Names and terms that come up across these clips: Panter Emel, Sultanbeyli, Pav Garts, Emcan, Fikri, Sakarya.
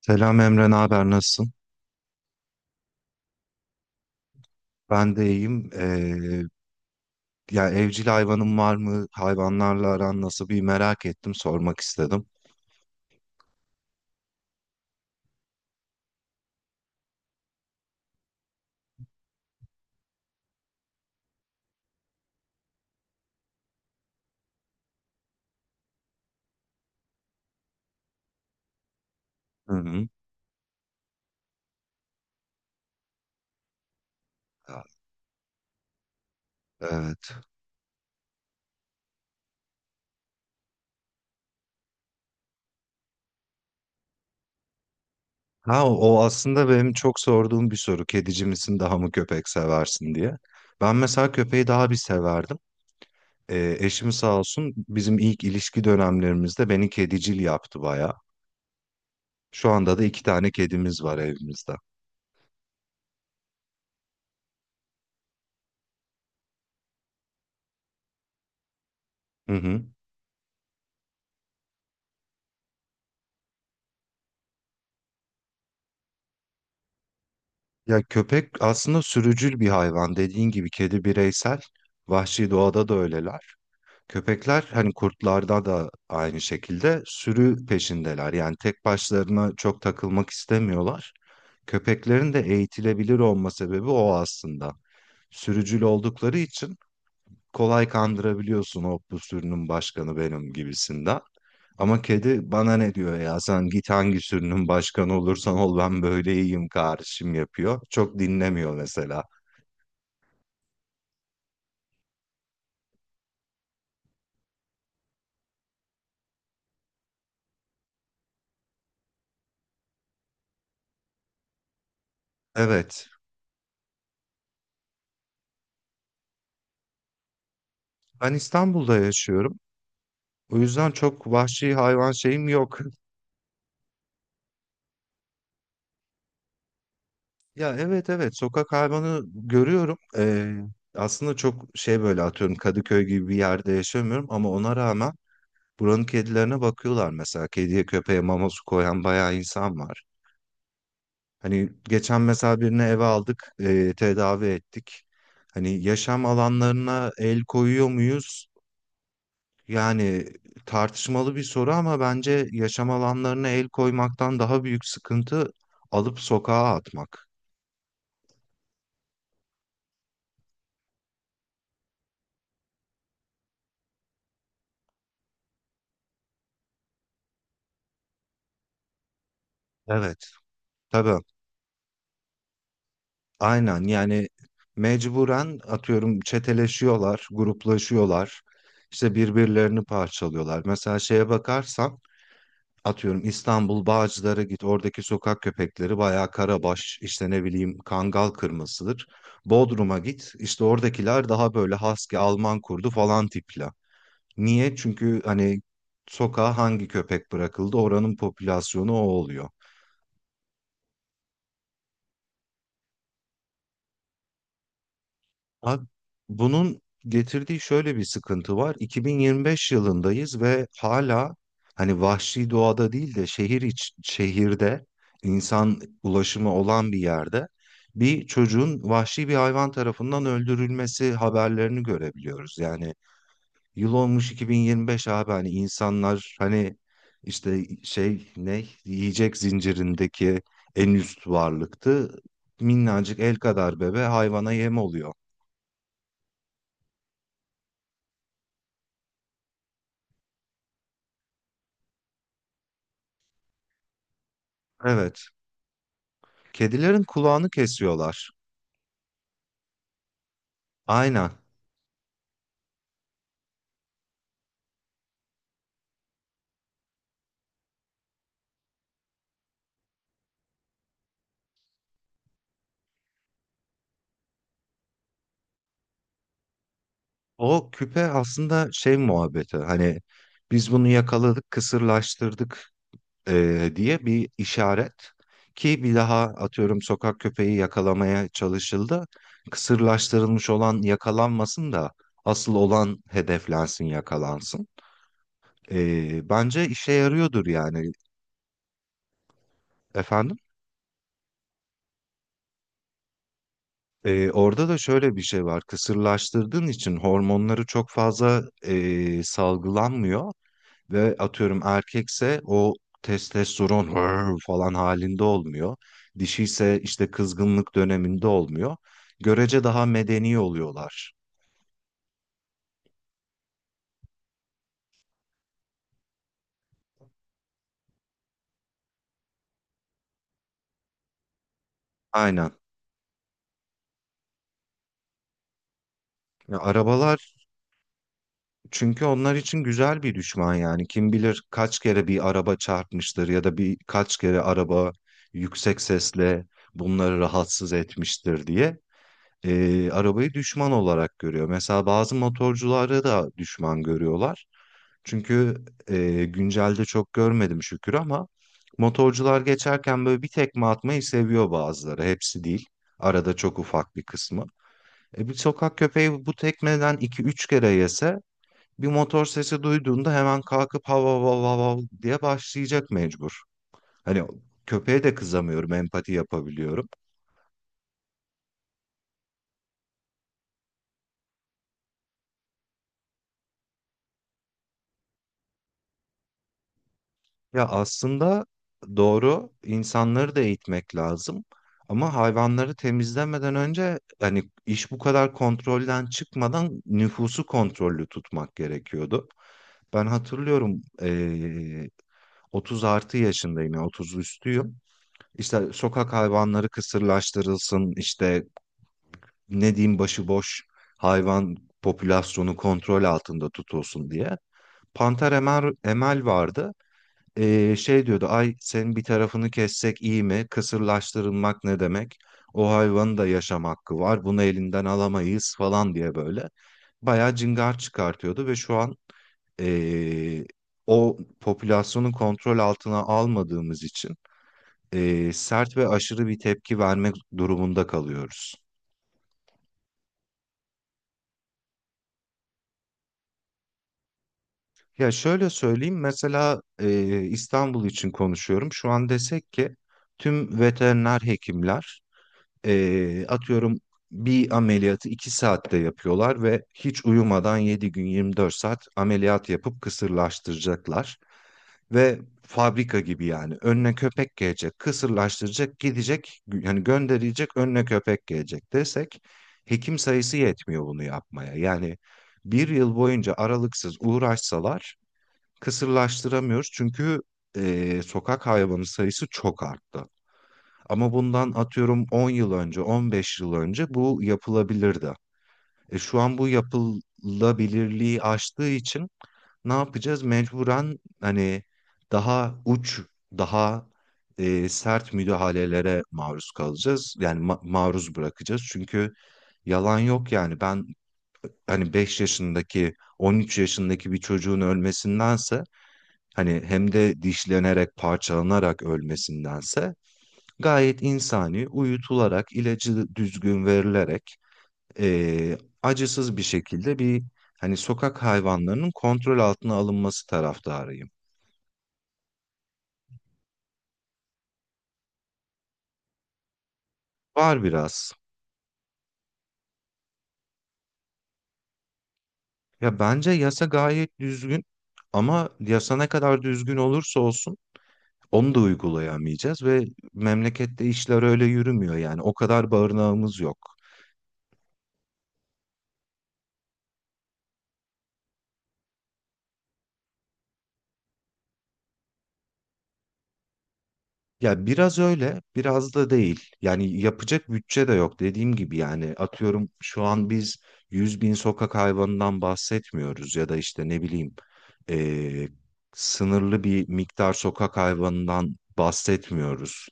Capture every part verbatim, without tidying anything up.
Selam Emre, ne haber? Nasılsın? Ben de iyiyim. Ee, ya evcil hayvanın var mı? Hayvanlarla aran nasıl? Bir merak ettim, sormak istedim. Hı hı. Evet. Ha, o aslında benim çok sorduğum bir soru. Kedici misin, daha mı köpek seversin diye. Ben mesela köpeği daha bir severdim. Ee, eşim sağ olsun bizim ilk ilişki dönemlerimizde beni kedicil yaptı bayağı. Şu anda da iki tane kedimiz var evimizde. Hı hı. Ya köpek aslında sürücül bir hayvan. Dediğin gibi kedi bireysel. Vahşi doğada da öyleler. Köpekler hani kurtlarda da aynı şekilde sürü peşindeler. Yani tek başlarına çok takılmak istemiyorlar. Köpeklerin de eğitilebilir olma sebebi o aslında. Sürücül oldukları için kolay kandırabiliyorsun o bu sürünün başkanı benim gibisinden. Ama kedi bana ne diyor ya sen git hangi sürünün başkanı olursan ol ben böyle iyiyim kardeşim yapıyor. Çok dinlemiyor mesela. Evet, ben İstanbul'da yaşıyorum. O yüzden çok vahşi hayvan şeyim yok. Ya evet evet sokak hayvanı görüyorum. Ee, aslında çok şey böyle atıyorum Kadıköy gibi bir yerde yaşamıyorum ama ona rağmen buranın kedilerine bakıyorlar mesela. Kediye köpeğe mama su koyan bayağı insan var. Hani geçen mesela birini eve aldık, e, tedavi ettik. Hani yaşam alanlarına el koyuyor muyuz? Yani tartışmalı bir soru ama bence yaşam alanlarına el koymaktan daha büyük sıkıntı alıp sokağa atmak. Evet, tabii. Aynen yani mecburen atıyorum çeteleşiyorlar, gruplaşıyorlar. İşte birbirlerini parçalıyorlar. Mesela şeye bakarsan atıyorum İstanbul Bağcılar'a git oradaki sokak köpekleri bayağı karabaş işte ne bileyim kangal kırmasıdır. Bodrum'a git işte oradakiler daha böyle husky Alman kurdu falan tipler. Niye? Çünkü hani sokağa hangi köpek bırakıldı oranın popülasyonu o oluyor. Abi, bunun getirdiği şöyle bir sıkıntı var. iki bin yirmi beş yılındayız ve hala hani vahşi doğada değil de şehir iç, şehirde insan ulaşımı olan bir yerde bir çocuğun vahşi bir hayvan tarafından öldürülmesi haberlerini görebiliyoruz. Yani yıl olmuş iki bin yirmi beş abi hani insanlar hani işte şey ne yiyecek zincirindeki en üst varlıktı. Minnacık el kadar bebe hayvana yem oluyor. Evet. Kedilerin kulağını kesiyorlar. Aynen. O küpe aslında şey muhabbeti hani biz bunu yakaladık, kısırlaştırdık, eee, diye bir işaret ki bir daha atıyorum sokak köpeği yakalamaya çalışıldı. Kısırlaştırılmış olan yakalanmasın da asıl olan hedeflensin, yakalansın. Eee, bence işe yarıyordur yani efendim. Ee, orada da şöyle bir şey var. Kısırlaştırdığın için hormonları çok fazla e, salgılanmıyor. Ve atıyorum erkekse o testosteron "Hırr" falan halinde olmuyor. Dişiyse işte kızgınlık döneminde olmuyor. Görece daha medeni oluyorlar. Aynen. Ya arabalar çünkü onlar için güzel bir düşman yani. Kim bilir kaç kere bir araba çarpmıştır ya da bir kaç kere araba yüksek sesle bunları rahatsız etmiştir diye. Ee, arabayı düşman olarak görüyor. Mesela bazı motorcuları da düşman görüyorlar. Çünkü e, güncelde çok görmedim şükür ama motorcular geçerken böyle bir tekme atmayı seviyor bazıları. Hepsi değil. Arada çok ufak bir kısmı. E, bir sokak köpeği bu tekmeden iki üç kere yese bir motor sesi duyduğunda hemen kalkıp hav hav hav hav hav diye başlayacak mecbur. Hani köpeğe de kızamıyorum, empati yapabiliyorum. Ya aslında doğru insanları da eğitmek lazım. Ama hayvanları temizlemeden önce hani iş bu kadar kontrolden çıkmadan nüfusu kontrollü tutmak gerekiyordu. Ben hatırlıyorum eee otuz artı yaşındayım yani otuz üstüyüm. İşte sokak hayvanları kısırlaştırılsın işte ne diyeyim başıboş hayvan popülasyonu kontrol altında tutulsun diye. Panter Emel, Emel vardı. Ee, şey diyordu ay senin bir tarafını kessek iyi mi? Kısırlaştırılmak ne demek? O hayvanın da yaşam hakkı var. Bunu elinden alamayız falan diye böyle. Bayağı cingar çıkartıyordu ve şu an ee, o popülasyonu kontrol altına almadığımız için ee, sert ve aşırı bir tepki vermek durumunda kalıyoruz. Ya şöyle söyleyeyim mesela ee, İstanbul için konuşuyorum. Şu an desek ki tüm veteriner hekimler Ee, atıyorum bir ameliyatı iki saatte yapıyorlar ve hiç uyumadan yedi gün yirmi dört saat ameliyat yapıp kısırlaştıracaklar. Ve fabrika gibi yani önüne köpek gelecek, kısırlaştıracak, gidecek yani gönderilecek önüne köpek gelecek desek hekim sayısı yetmiyor bunu yapmaya. Yani bir yıl boyunca aralıksız uğraşsalar kısırlaştıramıyoruz çünkü e, sokak hayvanı sayısı çok arttı. Ama bundan atıyorum on yıl önce, on beş yıl önce bu yapılabilirdi. E şu an bu yapılabilirliği aştığı için ne yapacağız? Mecburen hani daha uç, daha e, sert müdahalelere maruz kalacağız. Yani ma- maruz bırakacağız. Çünkü yalan yok yani ben hani beş yaşındaki, on üç yaşındaki bir çocuğun ölmesindense hani hem de dişlenerek, parçalanarak ölmesindense gayet insani uyutularak ilacı düzgün verilerek eee, acısız bir şekilde bir hani sokak hayvanlarının kontrol altına alınması taraftarıyım. Var biraz. Ya bence yasa gayet düzgün ama yasa ne kadar düzgün olursa olsun onu da uygulayamayacağız ve memlekette işler öyle yürümüyor yani o kadar barınağımız yok. Ya biraz öyle, biraz da değil. Yani yapacak bütçe de yok dediğim gibi yani atıyorum şu an biz yüz bin sokak hayvanından bahsetmiyoruz ya da işte ne bileyim eee, sınırlı bir miktar sokak hayvanından bahsetmiyoruz.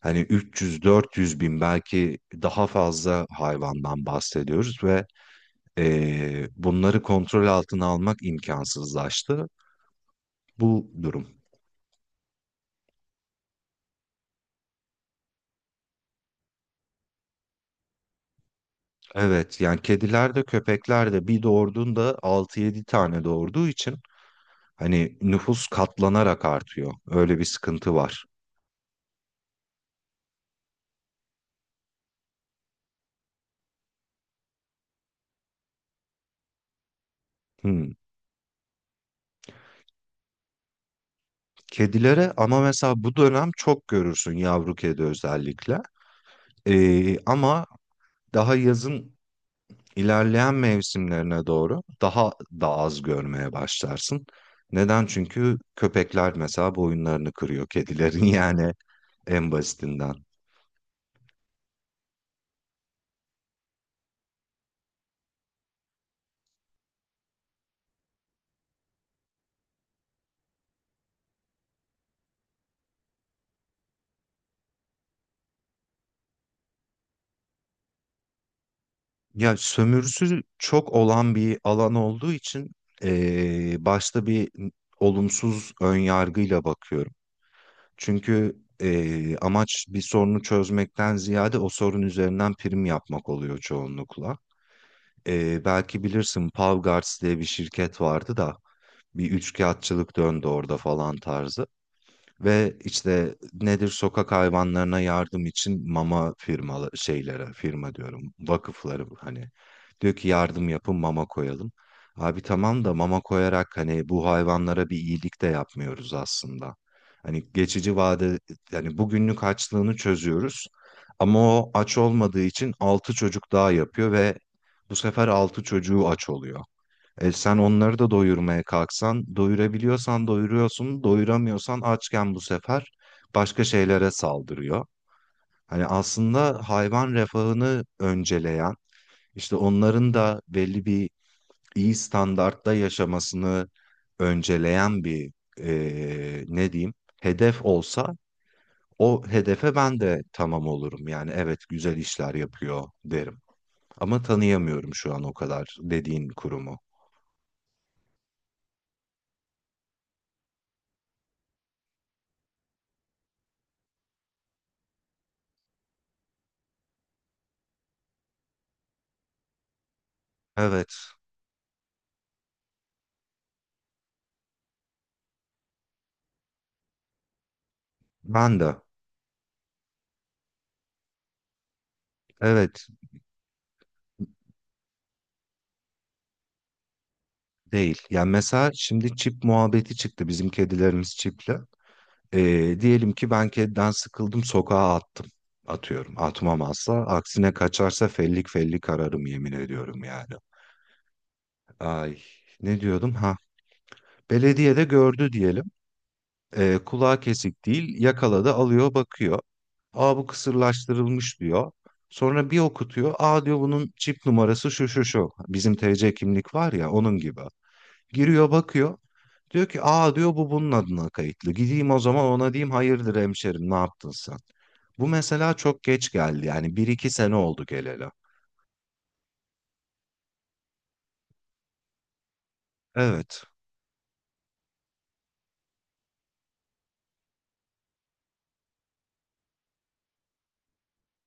Hani üç yüz dört yüz bin belki daha fazla hayvandan bahsediyoruz ve eee, bunları kontrol altına almak imkansızlaştı bu durum. Evet yani kediler de köpekler de bir doğurduğunda altı yedi tane doğurduğu için hani nüfus katlanarak artıyor. Öyle bir sıkıntı var. Hmm. Kedilere ama mesela bu dönem çok görürsün yavru kedi özellikle. Ee, ama daha yazın ilerleyen mevsimlerine doğru daha da az görmeye başlarsın. Neden? Çünkü köpekler mesela boyunlarını kırıyor kedilerin yani en basitinden. Ya sömürüsü çok olan bir alan olduğu için eee, başta bir olumsuz önyargıyla bakıyorum. Çünkü eee, amaç bir sorunu çözmekten ziyade o sorun üzerinden prim yapmak oluyor çoğunlukla. Eee, belki bilirsin Pav Garts diye bir şirket vardı da bir üçkağıtçılık döndü orada falan tarzı. Ve işte nedir sokak hayvanlarına yardım için mama firmalı şeylere firma diyorum vakıfları hani diyor ki yardım yapın mama koyalım. Abi tamam da mama koyarak hani bu hayvanlara bir iyilik de yapmıyoruz aslında. Hani geçici vade yani bugünlük açlığını çözüyoruz ama o aç olmadığı için altı çocuk daha yapıyor ve bu sefer altı çocuğu aç oluyor. E sen onları da doyurmaya kalksan, doyurabiliyorsan doyuruyorsun, doyuramıyorsan açken bu sefer başka şeylere saldırıyor. Hani aslında hayvan refahını önceleyen, işte onların da belli bir iyi standartta yaşamasını önceleyen bir e, ne diyeyim hedef olsa o hedefe ben de tamam olurum. Yani evet güzel işler yapıyor derim. Ama tanıyamıyorum şu an o kadar dediğin kurumu. Evet, ben de. Evet değil. Yani mesela şimdi çip muhabbeti çıktı. Bizim kedilerimiz çipli. Ee, diyelim ki ben kediden sıkıldım sokağa attım. Atıyorum. Atmam asla. Aksine kaçarsa fellik fellik ararım yemin ediyorum yani. Ay ne diyordum ha. Belediye de gördü diyelim. Ee, kulağı kesik değil yakaladı alıyor bakıyor. Aa bu kısırlaştırılmış diyor. Sonra bir okutuyor. Aa diyor bunun çip numarası şu şu şu. Bizim T C kimlik var ya onun gibi. Giriyor bakıyor. Diyor ki aa diyor bu bunun adına kayıtlı. Gideyim o zaman ona diyeyim hayırdır hemşerim ne yaptın sen? Bu mesela çok geç geldi yani bir iki sene oldu geleli. Evet.